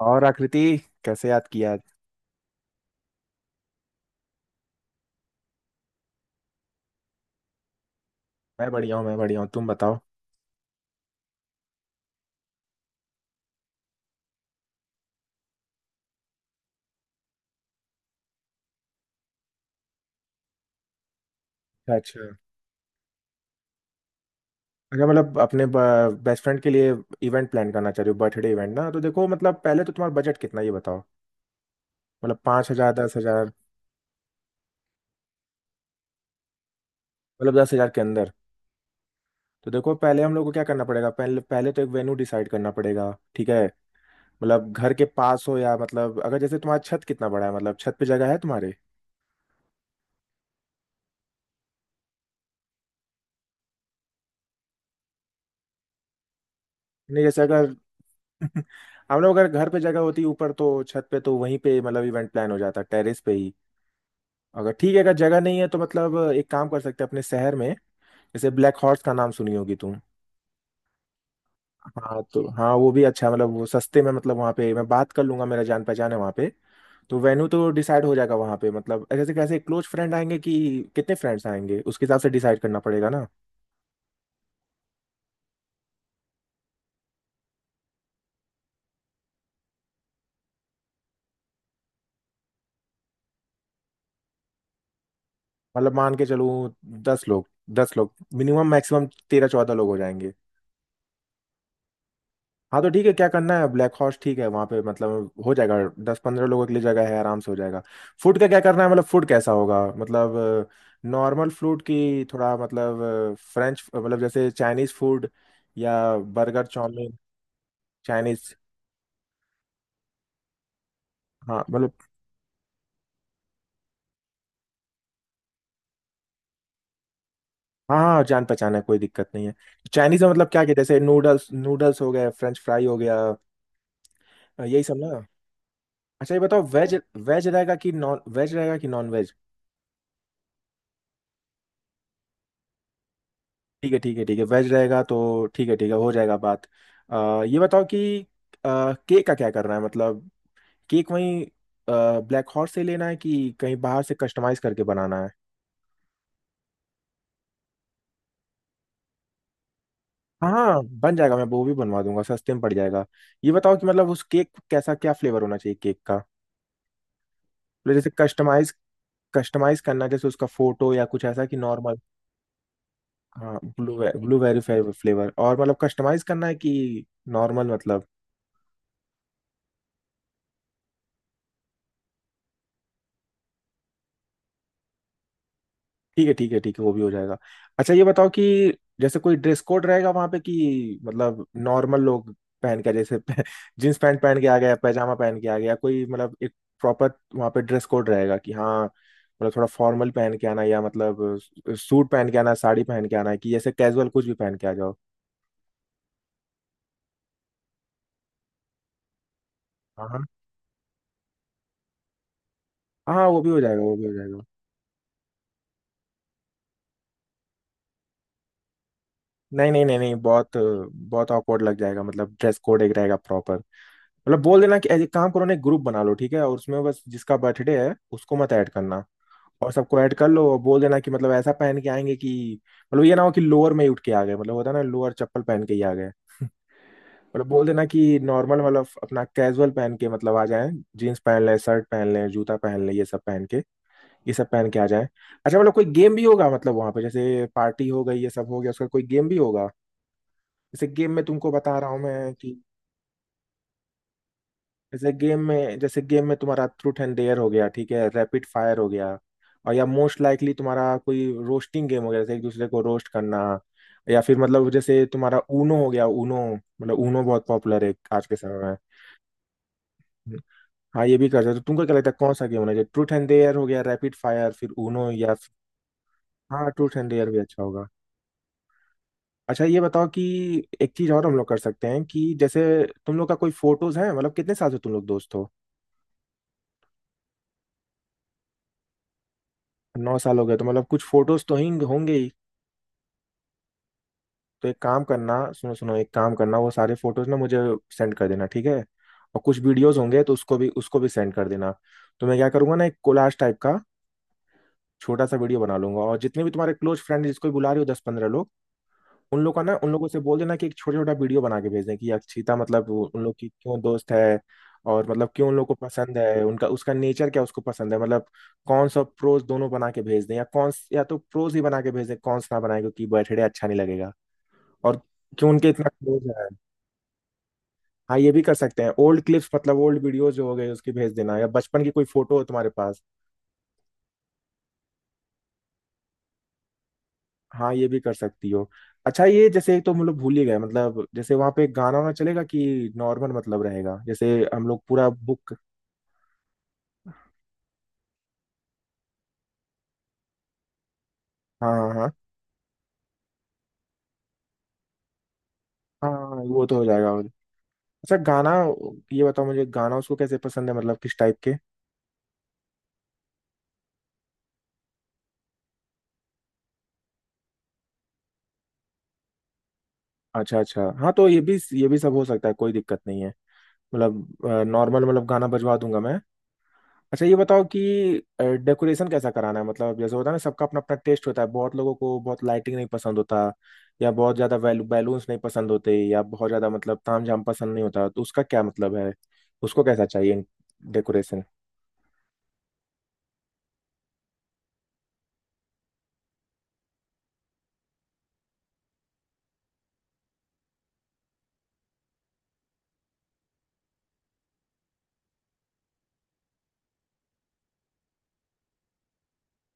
और आकृति कैसे याद किया आज? मैं बढ़िया हूँ तुम बताओ। अच्छा, अगर मतलब अपने बेस्ट फ्रेंड के लिए इवेंट प्लान करना चाह रहे हो बर्थडे इवेंट ना, तो देखो मतलब पहले तो तुम्हारा बजट कितना है ये बताओ। मतलब 5,000 10,000। मतलब दस हज़ार के अंदर। तो देखो पहले हम लोग को क्या करना पड़ेगा, पहले पहले तो एक वेन्यू डिसाइड करना पड़ेगा। ठीक है। मतलब घर के पास हो या मतलब अगर जैसे तुम्हारा छत कितना बड़ा है, मतलब छत पे जगह है तुम्हारे? नहीं जैसे अगर हम लोग अगर घर पे जगह होती ऊपर तो छत पे तो वहीं पे मतलब इवेंट प्लान हो जाता टेरेस पे ही। अगर ठीक है, अगर जगह नहीं है तो मतलब एक काम कर सकते हैं अपने शहर में। जैसे ब्लैक हॉर्स का नाम सुनी होगी तुम। हाँ तो हाँ वो भी अच्छा, मतलब वो सस्ते में, मतलब वहाँ पे मैं बात कर लूंगा, मेरा जान पहचान है वहाँ पे। तो वेन्यू तो डिसाइड हो जाएगा वहाँ पे। मतलब जैसे कैसे क्लोज फ्रेंड आएंगे, कि कितने फ्रेंड्स आएंगे उसके हिसाब से डिसाइड करना पड़ेगा ना। मतलब मान के चलूँ 10 लोग। 10 लोग मिनिमम, मैक्सिमम 13-14 लोग हो जाएंगे। हाँ तो ठीक है, क्या करना है, ब्लैक हॉर्स ठीक है, वहाँ पे मतलब हो जाएगा। 10-15 लोगों के लिए जगह है, आराम से हो जाएगा। फूड का क्या करना है, मतलब फूड कैसा होगा, मतलब नॉर्मल फूड की थोड़ा, मतलब फ्रेंच, मतलब जैसे चाइनीज फूड या बर्गर चाउमीन। चाइनीज। हाँ मतलब। हाँ हाँ हाँ, जान पहचान है, कोई दिक्कत नहीं है। चाइनीज में मतलब क्या कि जैसे नूडल्स नूडल्स हो गए, फ्रेंच फ्राई हो गया। यही सब ना। अच्छा ये बताओ, वेज वेज रहेगा कि नॉन वेज रहेगा कि नॉन वेज? ठीक है ठीक है ठीक है, वेज रहेगा तो ठीक है ठीक है, हो जाएगा बात। ये बताओ कि अ, केक का क्या करना है, मतलब केक वहीं ब्लैक हॉर्स से लेना है कि कहीं बाहर से कस्टमाइज करके बनाना है? हाँ हाँ बन जाएगा, मैं वो भी बनवा दूंगा, सस्ते में पड़ जाएगा। ये बताओ कि मतलब उस केक कैसा, क्या फ्लेवर होना चाहिए केक का, मतलब जैसे कस्टमाइज, कस्टमाइज करना है, जैसे उसका फोटो या कुछ ऐसा कि नॉर्मल? हाँ ब्लूबेरी फ्लेवर, और मतलब कस्टमाइज करना है कि नॉर्मल मतलब? ठीक है ठीक है ठीक है, वो भी हो जाएगा। अच्छा ये बताओ कि जैसे कोई ड्रेस कोड रहेगा वहां पे, कि मतलब नॉर्मल लोग पहन के जैसे जींस पैंट पहन के आ गया, पैजामा पहन के आ गया कोई, मतलब एक प्रॉपर वहां पे ड्रेस कोड रहेगा कि, हाँ मतलब थोड़ा फॉर्मल पहन के आना या मतलब सूट पहन के आना, साड़ी पहन के आना है कि जैसे कैजुअल कुछ भी पहन के आ जाओ? हाँ हाँ हाँ, वो भी हो जाएगा, वो भी हो जाएगा। नहीं नहीं नहीं नहीं, बहुत बहुत awkward लग जाएगा, मतलब ड्रेस कोड एक रहेगा प्रॉपर। मतलब बोल देना कि एक काम करो ना, एक ग्रुप बना लो ठीक है, और उसमें बस जिसका बर्थडे है उसको मत ऐड करना, और सबको ऐड कर लो, और बोल देना कि मतलब ऐसा पहन के आएंगे कि, मतलब ये ना हो कि लोअर में ही उठ के आ गए, मतलब होता है ना, लोअर चप्पल पहन के ही आ गए। मतलब बोल देना कि नॉर्मल, मतलब अपना कैजुअल पहन के मतलब आ जाएं, जीन्स पहन लें, शर्ट पहन लें, जूता पहन लें, ये सब पहन के आ जाएं। अच्छा, मतलब कोई गेम भी होगा, मतलब वहां पे जैसे पार्टी हो गई, ये सब हो गया, उसका कोई गेम भी होगा? जैसे गेम में तुमको बता रहा हूँ मैं कि जैसे गेम में तुम्हारा ट्रूथ एंड डेयर हो गया ठीक है, रैपिड फायर हो गया, और या मोस्ट लाइकली तुम्हारा कोई रोस्टिंग गेम हो गया, जैसे एक दूसरे को रोस्ट करना, या फिर मतलब जैसे तुम्हारा ऊनो हो गया, ऊनो। मतलब ऊनो बहुत पॉपुलर है आज के समय में। हाँ ये भी कर सकते हो। तुमको क्या लगता है कौन सा गेम होना चाहिए, ट्रूथ एंड डेयर हो गया, रैपिड फायर, फिर ऊनो, या? हाँ ट्रूथ एंड डेयर भी अच्छा होगा। अच्छा ये बताओ कि एक चीज और हम लोग कर सकते हैं कि जैसे, तुम लोग का कोई फोटोज है, मतलब कितने साल से तुम लोग दोस्त हो? 9 साल हो गए तो मतलब कुछ फोटोज तो हिंग होंगे ही। तो एक काम करना, सुनो सुनो एक काम करना, वो सारे फोटोज ना मुझे सेंड कर देना ठीक है, और कुछ वीडियोज होंगे तो उसको भी सेंड कर देना। तो मैं क्या करूंगा ना, एक कोलाज टाइप का छोटा सा वीडियो बना लूंगा, और जितने भी तुम्हारे क्लोज फ्रेंड जिसको भी बुला रहे हो, 10-15 लोग, उन लोग का ना, उन लोगों से बोल देना कि एक छोटा छोटा वीडियो बना के भेजें कि अक्षिता मतलब उन लोग की क्यों दोस्त है, और मतलब क्यों उन लोग को पसंद है, उनका, उसका नेचर क्या उसको पसंद है, मतलब कौन सा प्रोज दोनों बना के भेज दें, या कौन, या तो प्रोज ही बना के भेज दें, कौन ना बनाए क्योंकि बर्थडे अच्छा नहीं लगेगा, और क्यों उनके इतना क्लोज है। हाँ ये भी कर सकते हैं, ओल्ड क्लिप्स, मतलब ओल्ड वीडियो जो हो गए उसकी भेज देना, या बचपन की कोई फोटो हो तुम्हारे पास। हाँ ये भी कर सकती हो। अच्छा ये, जैसे एक तो हम लोग भूल ही गए, मतलब जैसे वहां पे गाना वाना चलेगा कि नॉर्मल मतलब रहेगा, जैसे हम लोग पूरा बुक। हाँ हाँ हाँ हाँ, वो तो हो जाएगा और अच्छा, गाना। ये बताओ मुझे गाना उसको कैसे पसंद है, मतलब किस टाइप के? अच्छा अच्छा हाँ, तो ये भी सब हो सकता है, कोई दिक्कत नहीं है, मतलब नॉर्मल, मतलब गाना बजवा दूंगा मैं। अच्छा ये बताओ कि डेकोरेशन कैसा कराना है, मतलब जैसे होता है ना, सबका अपना अपना टेस्ट होता है, बहुत लोगों को बहुत लाइटिंग नहीं पसंद होता, या बहुत ज्यादा बैलून्स नहीं पसंद होते, या बहुत ज्यादा मतलब तामझाम पसंद नहीं होता, तो उसका क्या मतलब है, उसको कैसा चाहिए डेकोरेशन?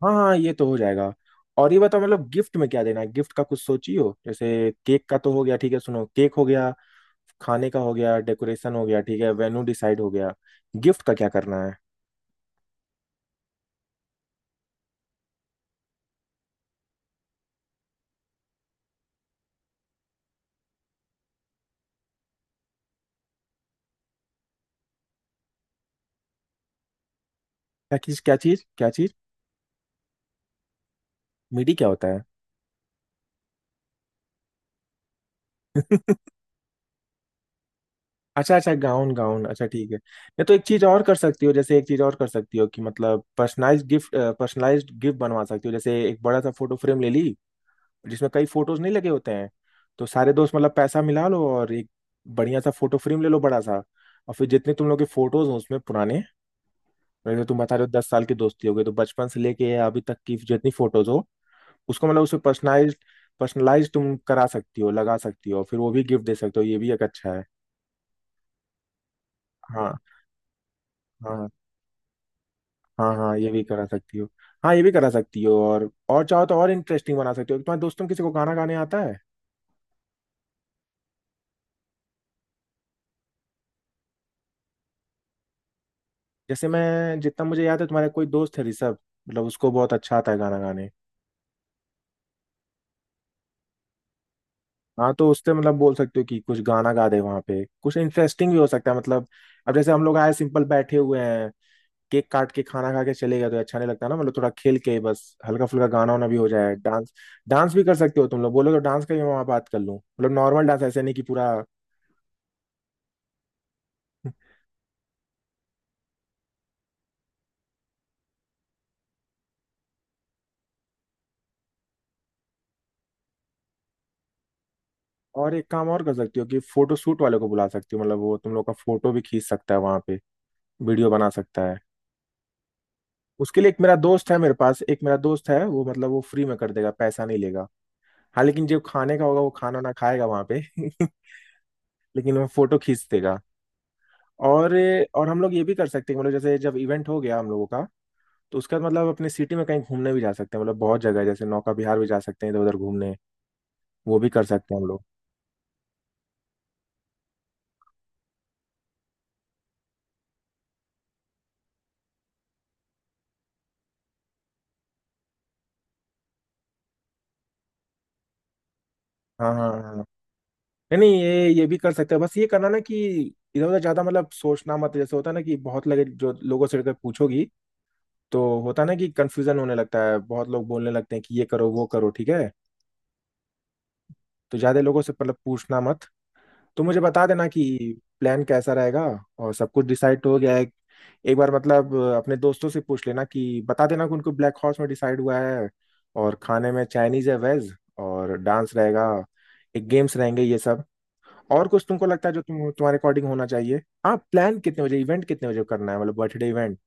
हाँ हाँ ये तो हो जाएगा। और ये बताओ मतलब गिफ्ट में क्या देना है, गिफ्ट का कुछ सोची हो? जैसे केक का तो हो गया ठीक है, सुनो, केक हो गया, खाने का हो गया, डेकोरेशन हो गया ठीक है, वेन्यू डिसाइड हो गया, गिफ्ट का क्या करना है? क्या चीज? मीडी क्या होता है अच्छा अच्छा, गाउन गाउन, अच्छा ठीक है। या तो एक चीज और कर सकती हो, जैसे एक चीज और कर सकती हो कि मतलब पर्सनलाइज्ड गिफ्ट बनवा सकती हो, जैसे एक बड़ा सा फोटो फ्रेम ले ली, जिसमें कई फोटोज नहीं लगे होते हैं, तो सारे दोस्त मतलब पैसा मिला लो और एक बढ़िया सा फोटो फ्रेम ले लो बड़ा सा, और फिर जितने तुम लोग के फोटोज हो उसमें पुराने, जैसे तुम बता रहे हो 10 साल की दोस्ती हो गई, तो बचपन से लेके अभी तक की जितनी फोटोज हो उसको मतलब उसमें पर्सनलाइज पर्सनलाइज तुम करा सकती हो, लगा सकती हो, फिर वो भी गिफ्ट दे सकते हो, ये भी एक अच्छा है। हाँ हाँ हाँ हाँ, ये भी करा सकती हो, और चाहो तो और इंटरेस्टिंग बना सकती हो। तुम्हारे दोस्तों में किसी को गाना गाने आता है? जैसे मैं, जितना मुझे याद है, तुम्हारा कोई दोस्त है ऋषभ, मतलब उसको बहुत अच्छा आता है गाना गाने। हाँ तो उससे मतलब बोल सकते हो कि कुछ गाना गा दे वहाँ पे, कुछ इंटरेस्टिंग भी हो सकता है। मतलब अब जैसे हम लोग आए, सिंपल बैठे हुए हैं, केक काट के खाना खा के चले गए, तो अच्छा नहीं लगता ना, मतलब थोड़ा खेल के, बस हल्का फुल्का गाना वाना भी हो जाए, डांस। डांस भी कर सकते हो तुम लोग, बोलो तो डांस का भी मैं वहाँ बात कर लूँ, मतलब नॉर्मल डांस, ऐसे नहीं कि पूरा। और एक काम और कर सकती हो कि फोटो शूट वाले को बुला सकती हो, मतलब वो तुम लोग का फोटो भी खींच सकता है वहां पे, वीडियो बना सकता है। उसके लिए एक मेरा दोस्त है, वो मतलब वो फ्री में कर देगा, पैसा नहीं लेगा। हाँ लेकिन जो खाने का होगा वो खाना ना खाएगा वहां पे लेकिन वो फोटो खींच देगा। और और हम लोग ये भी कर सकते हैं, मतलब जैसे जब इवेंट हो गया हम लोगों का, तो उसके बाद मतलब अपने सिटी में कहीं घूमने भी जा सकते हैं, मतलब बहुत जगह है, जैसे नौका विहार भी जा सकते हैं, इधर उधर घूमने, वो भी कर सकते हैं हम लोग। हाँ हाँ हाँ, हाँ। नहीं नहीं, ये भी कर सकते हैं, बस ये करना ना कि इधर उधर ज्यादा मतलब सोचना मत, जैसे होता है ना कि बहुत लगे, जो लोगों से अगर पूछोगी तो होता है ना कि कंफ्यूजन होने लगता है, बहुत लोग बोलने लगते हैं कि ये करो वो करो ठीक है, तो ज्यादा लोगों से मतलब पूछना मत। तो मुझे बता देना कि प्लान कैसा रहेगा और सब कुछ डिसाइड हो गया है, एक बार मतलब अपने दोस्तों से पूछ लेना कि बता देना कि उनको ब्लैक हॉर्स में डिसाइड हुआ है, और खाने में चाइनीज है, वेज, और डांस रहेगा, एक गेम्स रहेंगे ये सब, और कुछ तुमको लगता है जो तुम्हारे अकॉर्डिंग होना चाहिए? हाँ, प्लान कितने बजे, इवेंट कितने बजे करना है, मतलब बर्थडे इवेंट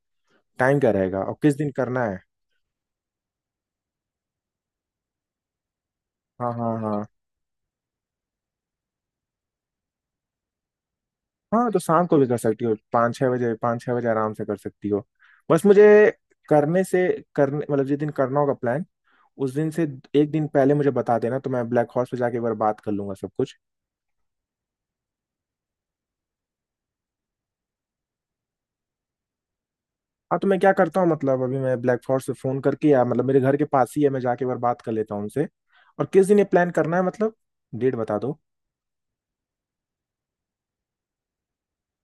टाइम क्या रहेगा और किस दिन करना है? हाँ हाँ हाँ, हाँ तो शाम को भी कर सकती हो, 5-6 बजे आराम से कर सकती हो। बस मुझे, करने से करने मतलब जिस दिन करना होगा प्लान, उस दिन से एक दिन पहले मुझे बता देना तो मैं ब्लैक हॉर्स पे जाके एक बार बात कर लूंगा सब कुछ। हाँ तो मैं क्या करता हूँ मतलब अभी, मैं ब्लैक हॉर्स से फोन करके, या मतलब मेरे घर के पास ही है, मैं जाके एक बार बात कर लेता हूँ उनसे। और किस दिन ये प्लान करना है, मतलब डेट बता दो।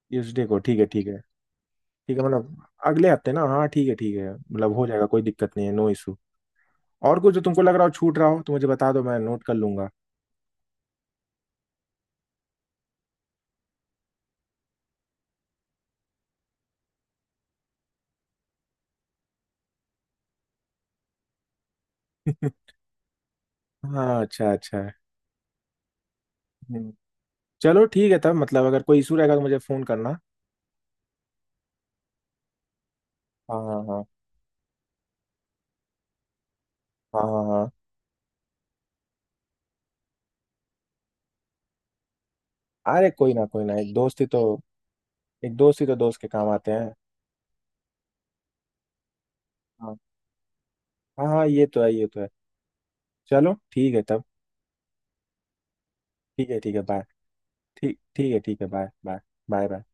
ट्यूसडे को ठीक है ठीक है ठीक है, मतलब अगले हफ्ते ना, हाँ ठीक है ठीक है, मतलब हो जाएगा, कोई दिक्कत नहीं है, नो इशू। और कुछ जो तुमको लग रहा हो छूट रहा हो तो मुझे बता दो, मैं नोट कर लूंगा। हाँ, अच्छा अच्छा। हम्म, चलो ठीक है तब, मतलब अगर कोई इशू रहेगा तो मुझे फोन करना। हाँ हाँ हाँ। हाँ हाँ हाँ। अरे कोई ना, कोई ना, एक दोस्त ही तो दोस्त के काम आते हैं। हाँ हाँ हाँ, ये तो है, ये तो है। चलो ठीक है तब, ठीक है ठीक है, बाय। ठीक ठीक है बाय बाय बाय बाय।